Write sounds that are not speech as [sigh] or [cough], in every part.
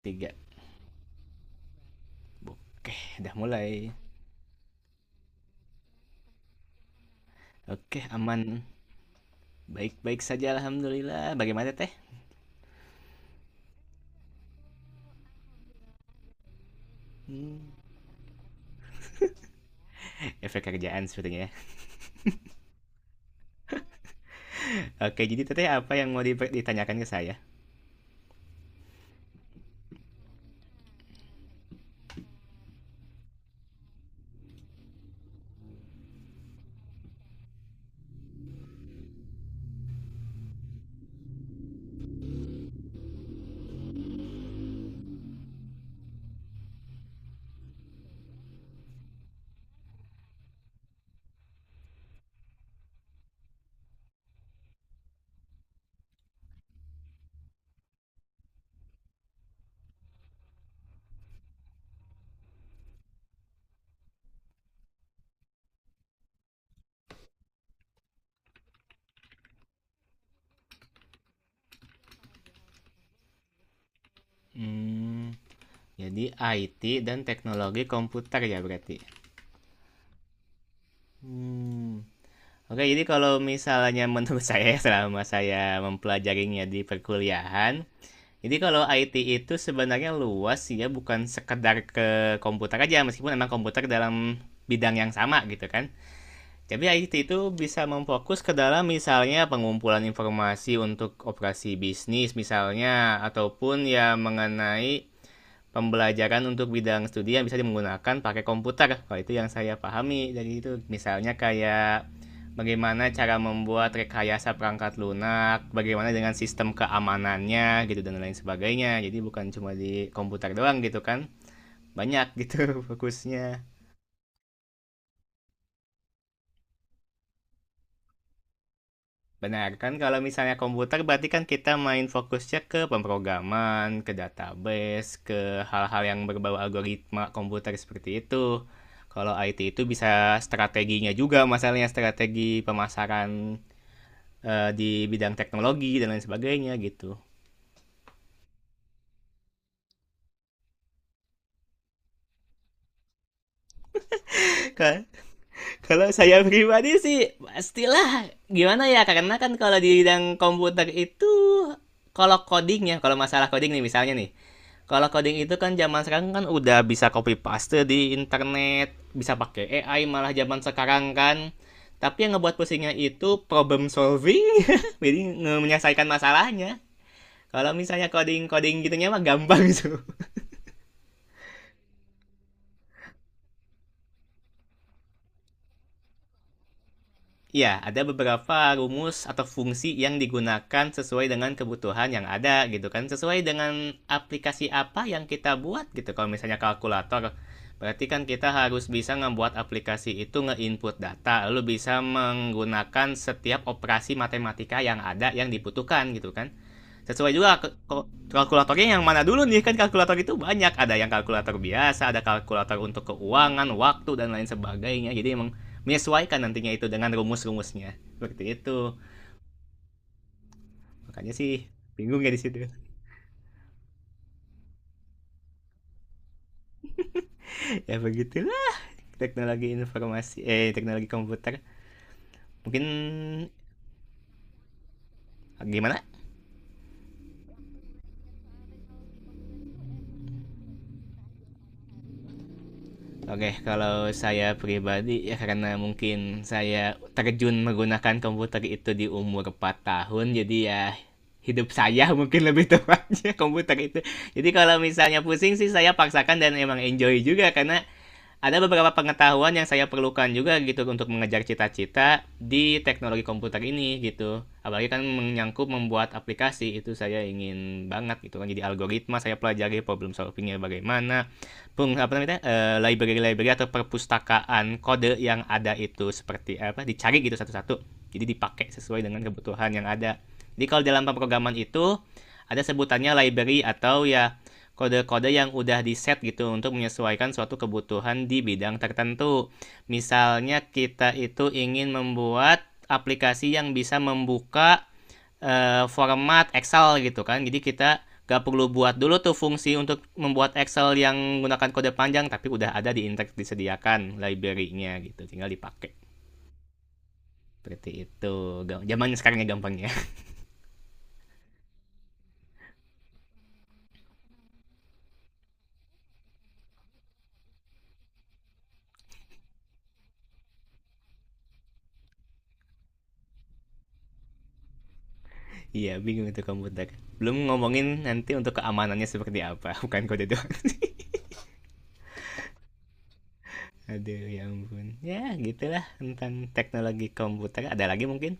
Tiga. Oke, udah mulai. Oke, aman. Baik-baik saja, alhamdulillah. Bagaimana, Teh? Hmm, Efek kerjaan sepertinya, ya. Oke, jadi Teteh apa yang mau ditanyakan ke saya? hmm, jadi IT dan teknologi komputer, ya, berarti hmm. Oke, jadi kalau misalnya menurut [laughs] saya selama saya mempelajarinya di perkuliahan, jadi kalau IT itu sebenarnya luas ya, bukan sekedar ke komputer aja, meskipun emang komputer dalam bidang yang sama gitu kan. Jadi IT itu bisa memfokus ke dalam misalnya pengumpulan informasi untuk operasi bisnis misalnya, ataupun ya mengenai pembelajaran untuk bidang studi yang bisa menggunakan pakai komputer. Kalau itu yang saya pahami dari itu, misalnya kayak bagaimana cara membuat rekayasa perangkat lunak, bagaimana dengan sistem keamanannya gitu, dan lain sebagainya. Jadi bukan cuma di komputer doang gitu kan. Banyak gitu [laughs] fokusnya. Benar kan, kalau misalnya komputer berarti kan kita main fokusnya ke pemrograman, ke database, ke hal-hal yang berbau algoritma komputer seperti itu. Kalau IT itu bisa strateginya juga, masalahnya strategi pemasaran di bidang teknologi dan lain sebagainya gitu. Ka- Kalau saya pribadi sih pastilah, gimana ya, karena kan kalau di bidang komputer itu kalau codingnya, kalau masalah coding nih misalnya nih. Kalau coding itu kan zaman sekarang kan udah bisa copy paste di internet, bisa pakai AI malah zaman sekarang kan. Tapi yang ngebuat pusingnya itu problem solving, [laughs] jadi menyelesaikan masalahnya. Kalau misalnya coding-coding gitunya mah gampang [laughs] gitu. Ya, ada beberapa rumus atau fungsi yang digunakan sesuai dengan kebutuhan yang ada gitu kan. Sesuai dengan aplikasi apa yang kita buat gitu. Kalau misalnya kalkulator, berarti kan kita harus bisa membuat aplikasi itu nge-input data. Lalu bisa menggunakan setiap operasi matematika yang ada yang dibutuhkan gitu kan, sesuai juga kalkulatornya yang mana dulu nih, kan kalkulator itu banyak, ada yang kalkulator biasa, ada kalkulator untuk keuangan, waktu, dan lain sebagainya. Jadi emang menyesuaikan nantinya itu dengan rumus-rumusnya seperti itu. Makanya sih bingung ya di situ. [laughs] Ya begitulah teknologi informasi, eh, teknologi komputer. Mungkin gimana. Oke, kalau saya pribadi ya, karena mungkin saya terjun menggunakan komputer itu di umur 4 tahun, jadi ya hidup saya [laughs] mungkin lebih tepatnya komputer itu. Jadi kalau misalnya pusing sih saya paksakan, dan emang enjoy juga karena ada beberapa pengetahuan yang saya perlukan juga gitu untuk mengejar cita-cita di teknologi komputer ini gitu. Apalagi kan menyangkut membuat aplikasi itu saya ingin banget gitu kan. Jadi algoritma saya pelajari, problem solvingnya bagaimana, peng apa namanya, library-library atau perpustakaan kode yang ada itu seperti apa, dicari gitu satu-satu. Jadi dipakai sesuai dengan kebutuhan yang ada. Jadi kalau dalam pemrograman itu ada sebutannya library atau ya kode-kode yang udah di set gitu untuk menyesuaikan suatu kebutuhan di bidang tertentu. Misalnya kita itu ingin membuat aplikasi yang bisa membuka format Excel gitu kan. Jadi kita gak perlu buat dulu tuh fungsi untuk membuat Excel yang menggunakan kode panjang, tapi udah ada di Intex, disediakan library-nya gitu, tinggal dipakai seperti itu. Zamannya sekarang ya gampangnya. Iya, [laughs] bingung itu komputer, belum ngomongin nanti untuk keamanannya seperti apa, [laughs] bukan kode doang. Aduh ya ampun. Ya gitulah tentang teknologi komputer. Ada lagi mungkin?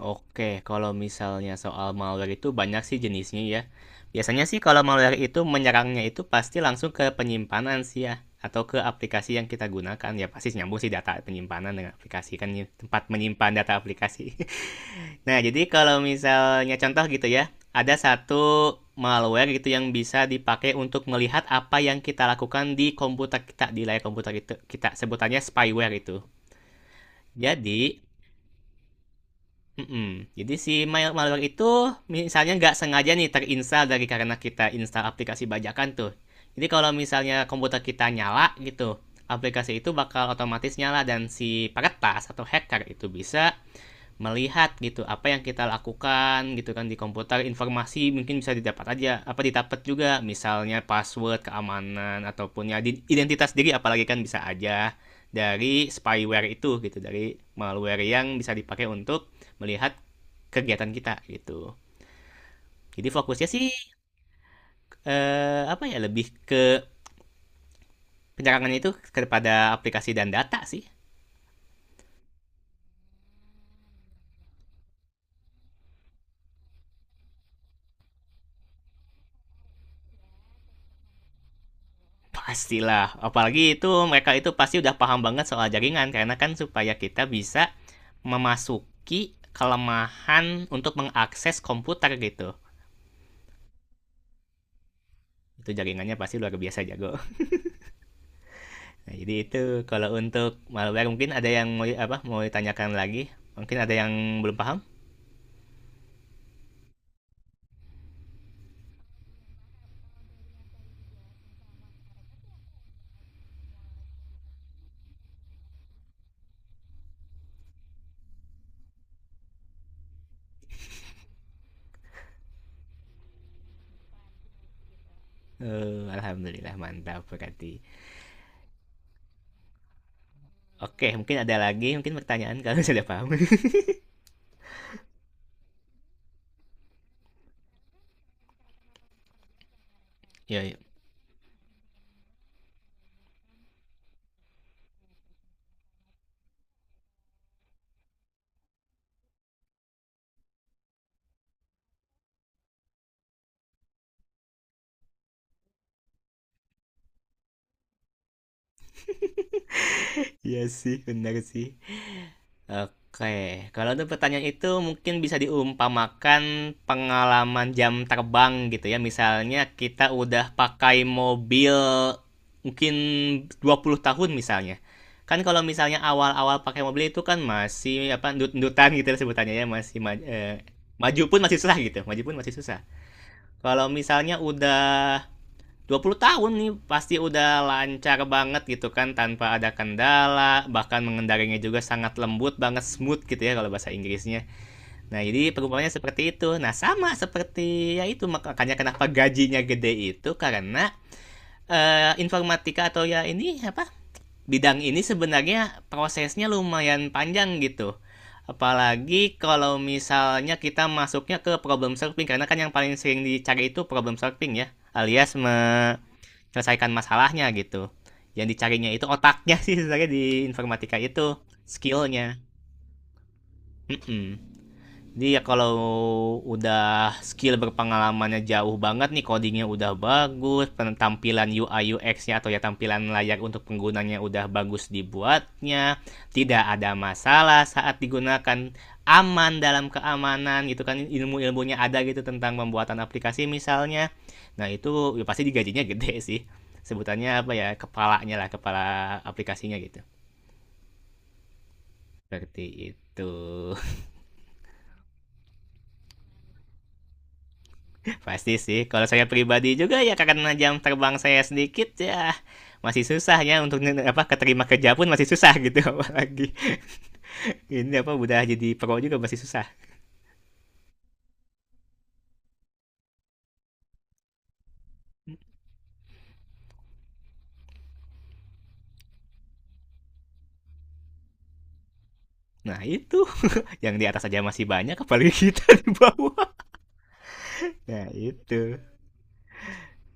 Oke, kalau misalnya soal malware itu banyak sih jenisnya ya. Biasanya sih kalau malware itu menyerangnya itu pasti langsung ke penyimpanan sih ya. Atau ke aplikasi yang kita gunakan. Ya pasti nyambung sih data penyimpanan dengan aplikasi kan ya, tempat menyimpan data aplikasi. [laughs] Nah, jadi kalau misalnya contoh gitu ya, ada satu malware gitu yang bisa dipakai untuk melihat apa yang kita lakukan di komputer kita, di layar komputer kita, kita sebutannya spyware itu. Jadi, mm-mm. jadi si malware itu misalnya nggak sengaja nih terinstall dari, karena kita install aplikasi bajakan tuh. Jadi kalau misalnya komputer kita nyala gitu, aplikasi itu bakal otomatis nyala, dan si peretas atau hacker itu bisa melihat gitu apa yang kita lakukan gitu kan di komputer. Informasi mungkin bisa didapat aja, apa didapat juga misalnya password keamanan ataupun ya identitas diri, apalagi kan bisa aja dari spyware itu gitu, dari malware yang bisa dipakai untuk melihat kegiatan kita gitu. Jadi fokusnya sih, apa ya, lebih ke penyerangannya itu kepada aplikasi dan data sih. Pastilah, apalagi itu mereka itu pasti udah paham banget soal jaringan karena kan supaya kita bisa memasuki kelemahan untuk mengakses komputer gitu. Itu jaringannya pasti luar biasa jago. Nah, jadi itu kalau untuk malware, mungkin ada yang mau apa, mau ditanyakan lagi, mungkin ada yang belum paham. Uh, alhamdulillah, mantap berarti. Oke, mungkin ada lagi mungkin pertanyaan kalau [laughs] sudah paham. Iya, [laughs] iya. Iya sih, benar sih. Oke, kalau untuk pertanyaan itu mungkin bisa diumpamakan pengalaman jam terbang gitu ya. Misalnya kita udah pakai mobil mungkin 20 tahun misalnya. Kan kalau misalnya awal-awal pakai mobil itu kan masih apa, ndut-ndutan gitu ya sebutannya ya, masih maju pun masih susah gitu. Maju pun masih susah. Kalau misalnya udah 20 tahun nih pasti udah lancar banget gitu kan, tanpa ada kendala, bahkan mengendarinya juga sangat lembut banget, smooth gitu ya kalau bahasa Inggrisnya. Nah jadi perumpamannya seperti itu. Nah sama seperti ya itu, makanya kenapa gajinya gede itu karena informatika atau ya ini apa, bidang ini sebenarnya prosesnya lumayan panjang gitu. Apalagi kalau misalnya kita masuknya ke problem solving, karena kan yang paling sering dicari itu problem solving ya, alias selesaikan masalahnya gitu. Yang dicarinya itu otaknya [laughs] sih sebenarnya di informatika itu, skillnya. Mm-mm. Jadi ya kalau udah skill, berpengalamannya jauh banget nih, codingnya udah bagus, penampilan UI UX-nya atau ya tampilan layak untuk penggunanya udah bagus dibuatnya, tidak ada masalah saat digunakan, aman dalam keamanan gitu kan, ilmu-ilmunya ada gitu tentang pembuatan aplikasi misalnya. Nah itu ya pasti digajinya gede [laughs] sih, sebutannya apa ya, kepalanya lah, kepala aplikasinya gitu. Seperti itu. Pasti sih, kalau saya pribadi juga ya, karena jam terbang saya sedikit ya, masih susah ya untuk apa, keterima kerja pun masih susah [laughs] gitu, apalagi ini apa, udah jadi pro juga masih susah. Nah itu, yang di atas aja masih banyak, apalagi [laughs] kita di bawah. Nah itu,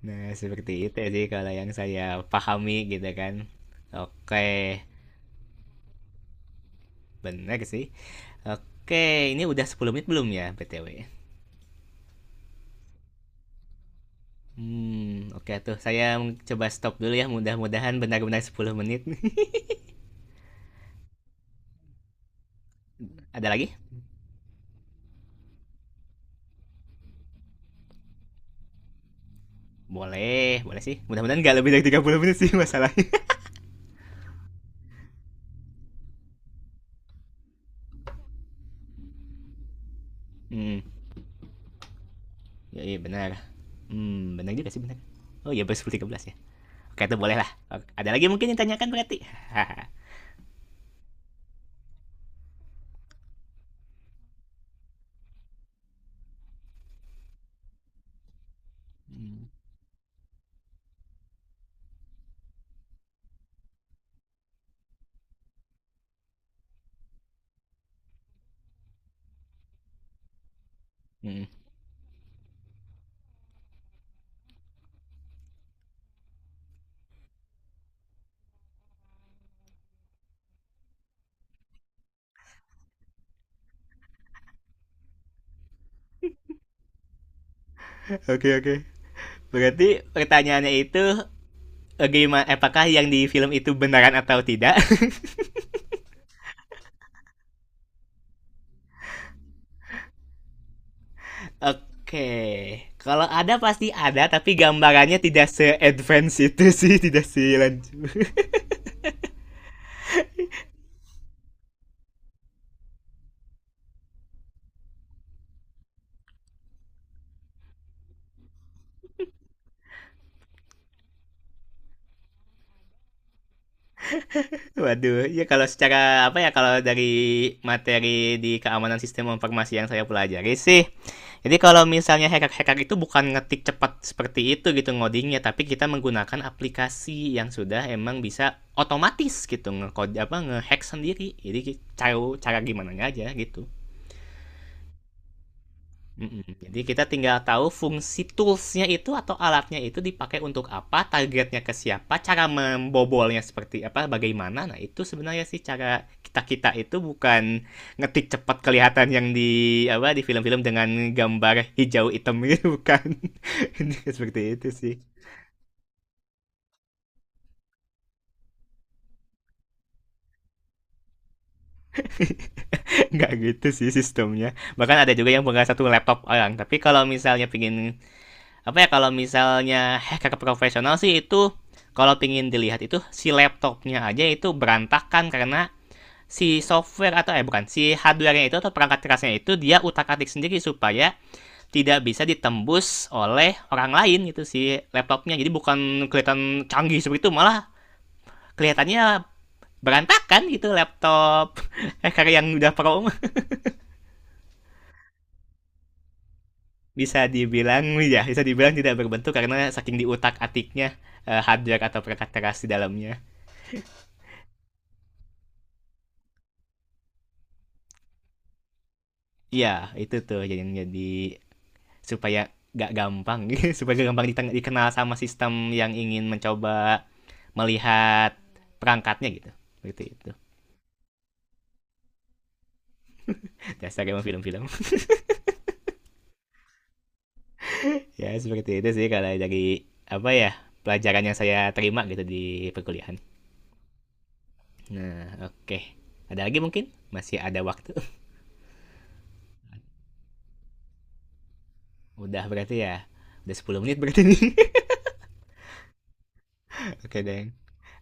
nah seperti itu ya sih kalau yang saya pahami gitu kan. Oke, benar sih. Oke, ini udah 10 menit belum ya, btw? Hmm, oke tuh saya coba stop dulu ya, mudah-mudahan benar-benar 10 menit. Ada lagi? Boleh, boleh sih. Mudah-mudahan nggak lebih dari 30 menit sih masalahnya. [laughs] hmm, ya, iya benar. Benar juga sih, benar. Oh iya, berarti 13 ya. Oke, itu boleh lah. Oke, ada lagi mungkin yang tanyakan berarti? [laughs] Hmm. Oke, oke. Berarti pertanyaannya itu gimana, eh, apakah yang di film itu beneran atau tidak? [laughs] Oke. Kalau ada pasti ada, tapi gambarannya tidak se-advance itu sih, [laughs] tidak se lanjut. Waduh, ya kalau secara apa ya, kalau dari materi di keamanan sistem informasi yang saya pelajari sih. Jadi kalau misalnya hacker-hacker itu bukan ngetik cepat seperti itu gitu ngodingnya, tapi kita menggunakan aplikasi yang sudah emang bisa otomatis gitu ngekode, apa ngehack sendiri. Jadi cara cara gimana aja gitu. Mhm, jadi kita tinggal tahu fungsi toolsnya itu atau alatnya itu dipakai untuk apa, targetnya ke siapa, cara membobolnya seperti apa, bagaimana. Nah, itu sebenarnya sih cara kita-kita itu bukan ngetik cepat kelihatan yang di apa, di film-film dengan gambar hijau hitam gitu, bukan. [laughs] Seperti itu sih. [laughs] Nggak gitu sih sistemnya. Bahkan ada juga yang pegang satu laptop orang. Tapi kalau misalnya pingin apa ya, kalau misalnya hacker profesional sih itu, kalau pingin dilihat itu si laptopnya aja itu berantakan kan, karena si software atau eh bukan, si hardware-nya itu atau perangkat kerasnya itu dia utak-atik sendiri supaya tidak bisa ditembus oleh orang lain gitu. Si laptopnya jadi bukan kelihatan canggih seperti itu, malah kelihatannya berantakan gitu, laptop hacker [laughs] yang udah pro. Bisa dibilang, ya bisa dibilang tidak berbentuk karena saking diutak atiknya hardware atau perangkat keras di dalamnya. Iya, itu tuh jadi supaya gak gampang, [laughs] supaya gak gampang dikenal sama sistem yang ingin mencoba melihat perangkatnya gitu. Seperti itu. Dasar emang film-film. [laughs] Ya, seperti itu sih kalau dari apa ya, pelajaran yang saya terima gitu di perkuliahan. Nah, oke. Ada lagi mungkin? Masih ada waktu. [laughs] Udah berarti ya. Udah 10 menit berarti nih. [laughs] Oke, Deng.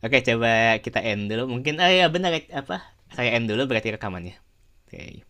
Oke, coba kita end dulu. Mungkin oh ya, benar apa? Saya end dulu berarti rekamannya. Oke.